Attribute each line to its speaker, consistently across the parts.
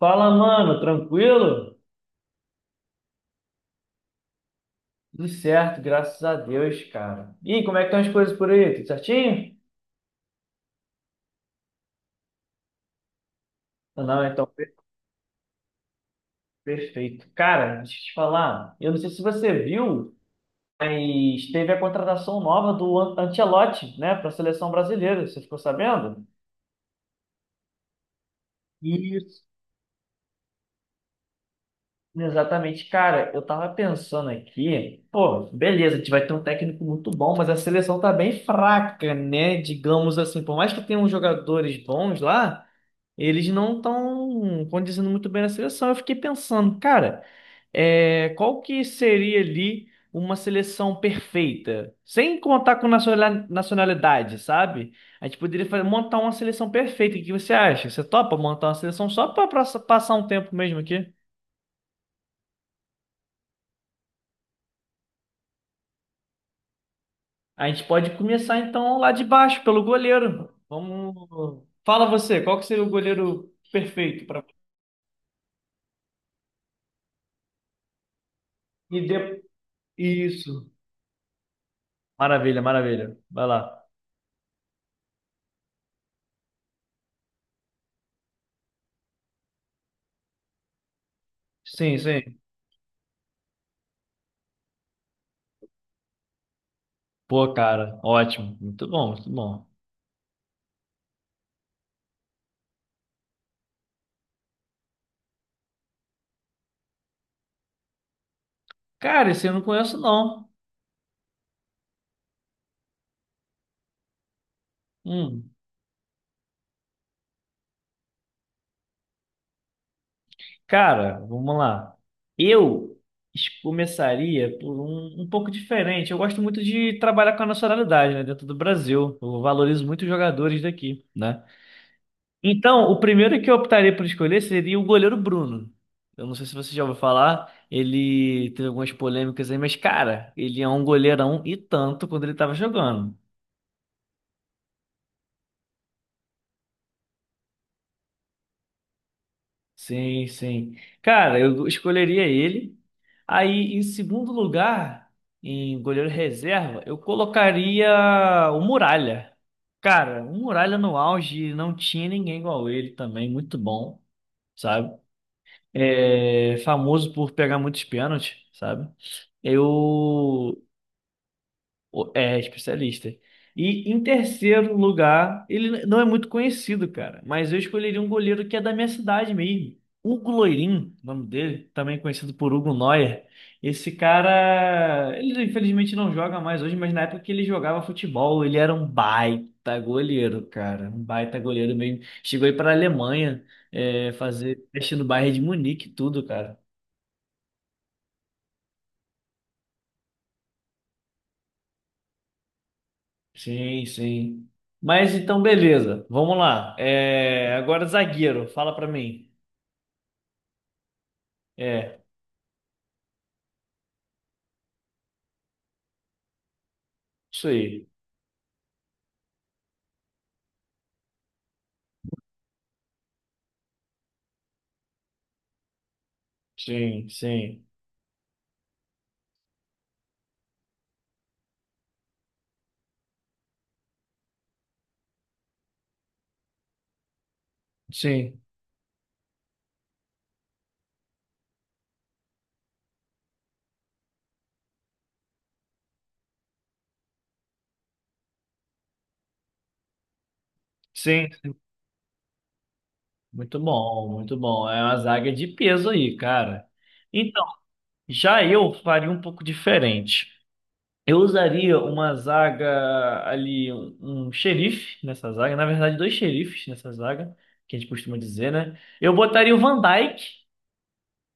Speaker 1: Fala, mano, tranquilo? Tudo certo, graças a Deus, cara. E como é que estão as coisas por aí? Tudo certinho? Ah, não, então, perfeito. Cara, deixa eu te falar, eu não sei se você viu, mas teve a contratação nova do Ancelotti, né, para a seleção brasileira. Você ficou sabendo? Isso. Exatamente, cara. Eu tava pensando aqui, pô, beleza, a gente vai ter um técnico muito bom, mas a seleção tá bem fraca, né? Digamos assim, por mais que tenham jogadores bons lá. Eles não estão condizendo muito bem na seleção. Eu fiquei pensando, cara, qual que seria ali uma seleção perfeita? Sem contar com nacionalidade, sabe? A gente poderia montar uma seleção perfeita. O que você acha? Você topa montar uma seleção só para passar um tempo mesmo aqui? A gente pode começar então lá de baixo, pelo goleiro. Vamos. Fala você, qual que seria o goleiro perfeito para. E de... Isso. Maravilha, maravilha. Vai lá. Sim, sim. Pô, cara, ótimo. Muito bom, muito bom. Cara, esse eu não conheço, não. Hum. Cara, vamos lá. Eu começaria por um, pouco diferente. Eu gosto muito de trabalhar com a nacionalidade, né, dentro do Brasil. Eu valorizo muito os jogadores daqui, né? Então, o primeiro que eu optaria por escolher seria o goleiro Bruno. Eu não sei se você já ouviu falar, ele teve algumas polêmicas aí, mas, cara, ele é um goleirão e tanto quando ele estava jogando. Sim, sim. Cara, eu escolheria ele. Aí, em segundo lugar, em goleiro reserva, eu colocaria o Muralha. Cara, o Muralha no auge não tinha ninguém igual ele também, muito bom, sabe? É famoso por pegar muitos pênaltis, sabe? Eu é especialista. E em terceiro lugar, ele não é muito conhecido, cara, mas eu escolheria um goleiro que é da minha cidade mesmo. Hugo Loirin, o nome dele, também conhecido por Hugo Neuer. Esse cara, ele infelizmente não joga mais hoje, mas na época que ele jogava futebol, ele era um baita goleiro, cara. Um baita goleiro mesmo. Chegou aí para a Alemanha, fazer teste no Bayern de Munique e tudo, cara. Sim, sim. Mas então, beleza. Vamos lá. É, agora, zagueiro, fala pra mim. É, isso aí. Sim, sim. Sim, sim. Sim. Muito bom, muito bom. É uma zaga de peso aí, cara. Então, já eu faria um pouco diferente. Eu usaria uma zaga ali, um xerife nessa zaga. Na verdade, dois xerifes nessa zaga, que a gente costuma dizer, né? Eu botaria o Van Dijk,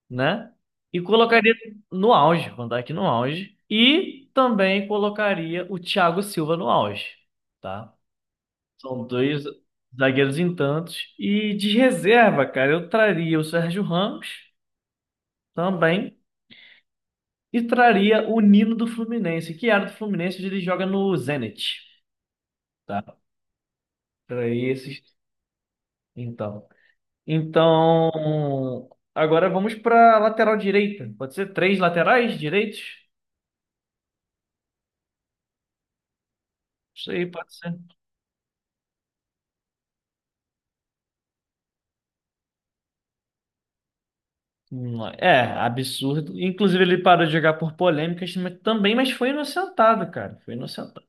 Speaker 1: né? E colocaria no auge, Van Dijk no auge. E também colocaria o Thiago Silva no auge, tá? São dois zagueiros em tantos. E de reserva, cara, eu traria o Sérgio Ramos também. E traria o Nino do Fluminense, que era do Fluminense, hoje ele joga no Zenit, tá? Traria esses, então. Então, agora vamos para lateral direita. Pode ser três laterais direitos? Isso aí, pode ser. Não, absurdo. Inclusive, ele parou de jogar por polêmicas mas também, mas foi inocentado, cara. Foi inocentado.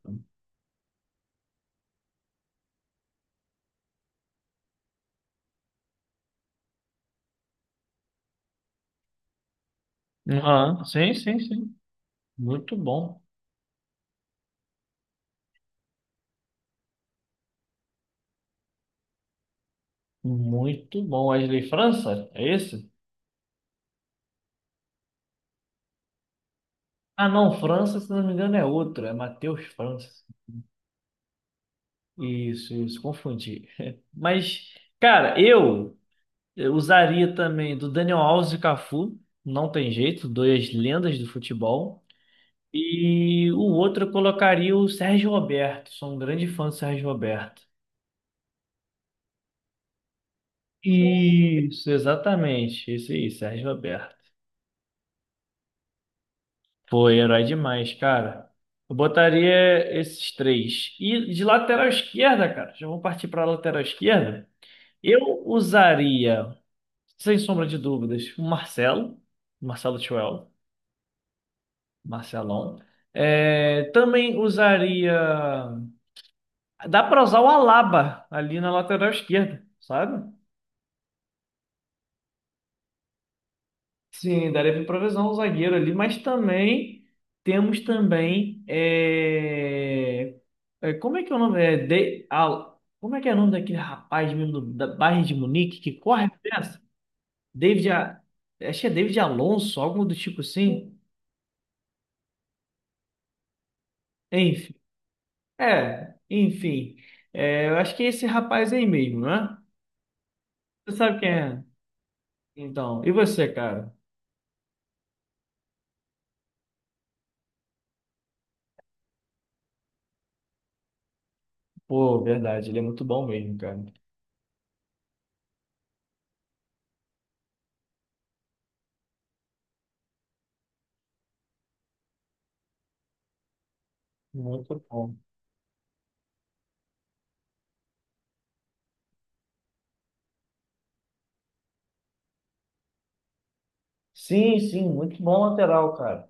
Speaker 1: Aham, sim, sim, sim. Muito bom. Muito bom. Wesley França? É esse? Ah, não, França, se não me engano, é outro. É Matheus França. Isso, confundi. Mas, cara, eu usaria também do Daniel Alves e Cafu. Não tem jeito, duas lendas do futebol. E o outro eu colocaria o Sérgio Roberto. Sou um grande fã do Sérgio Roberto. Isso, exatamente. Isso aí, Sérgio Roberto. Foi herói demais, cara. Eu botaria esses três. E de lateral esquerda, cara, já vou partir para lateral esquerda. Eu usaria, sem sombra de dúvidas, o Marcelo. Marcelo Chuel. Marcelão. É, também usaria. Dá para usar o Alaba ali na lateral esquerda, sabe? Sim, daria para improvisar um zagueiro ali, mas também temos também é... como é que é o nome? Como é que é o nome daquele rapaz mesmo do da Bayern de Munique que corre dessa? David, A- acho que é David Alonso, algo do tipo assim. Enfim, enfim, é, eu acho que é esse rapaz aí mesmo, né? Você sabe quem é? Então, e você, cara? Pô, verdade, ele é muito bom mesmo, cara. Muito bom. Sim, sim, muito bom lateral, cara.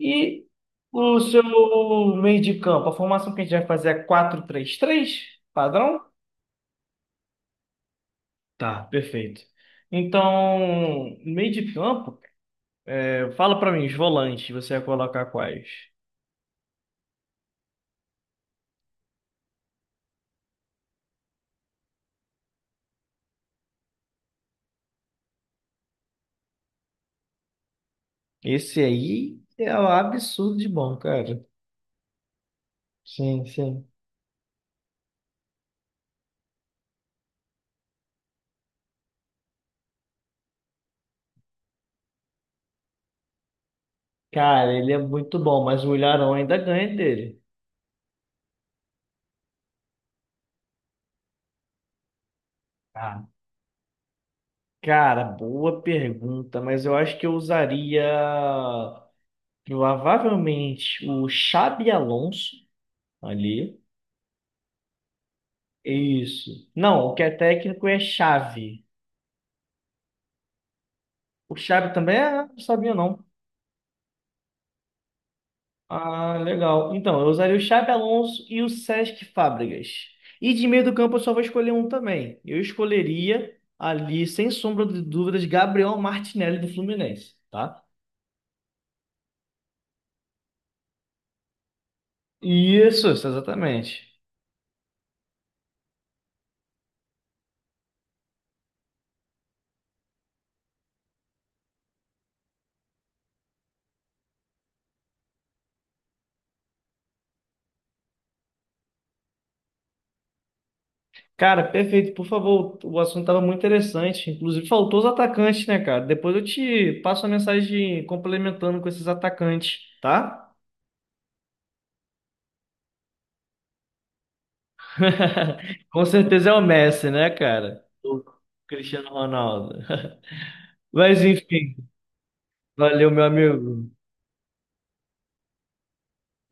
Speaker 1: E o seu meio de campo, a formação que a gente vai fazer é 4 três 3 padrão? Tá, perfeito. Então, meio de campo, fala pra mim, os volantes, você vai colocar quais? Esse aí é um absurdo de bom, cara. Sim, sim. Cara, ele é muito bom, mas o Ilharão ainda ganha dele. Ah, cara, boa pergunta, mas eu acho que eu usaria provavelmente o Xabi Alonso ali. Isso. Não, o que é técnico é chave. O chave também é? Não sabia, não. Ah, legal. Então, eu usaria o Xabi Alonso e o Sesc Fábricas. E de meio do campo eu só vou escolher um também. Eu escolheria ali, sem sombra de dúvidas, Gabriel Martinelli do Fluminense, tá? Isso, exatamente. Cara, perfeito. Por favor, o assunto estava muito interessante. Inclusive, faltou os atacantes, né, cara? Depois eu te passo a mensagem complementando com esses atacantes, tá? Com certeza é o Messi, né, cara? O Cristiano Ronaldo. Mas enfim, valeu, meu amigo.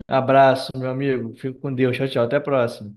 Speaker 1: Abraço, meu amigo. Fico com Deus. Tchau, tchau. Até a próxima.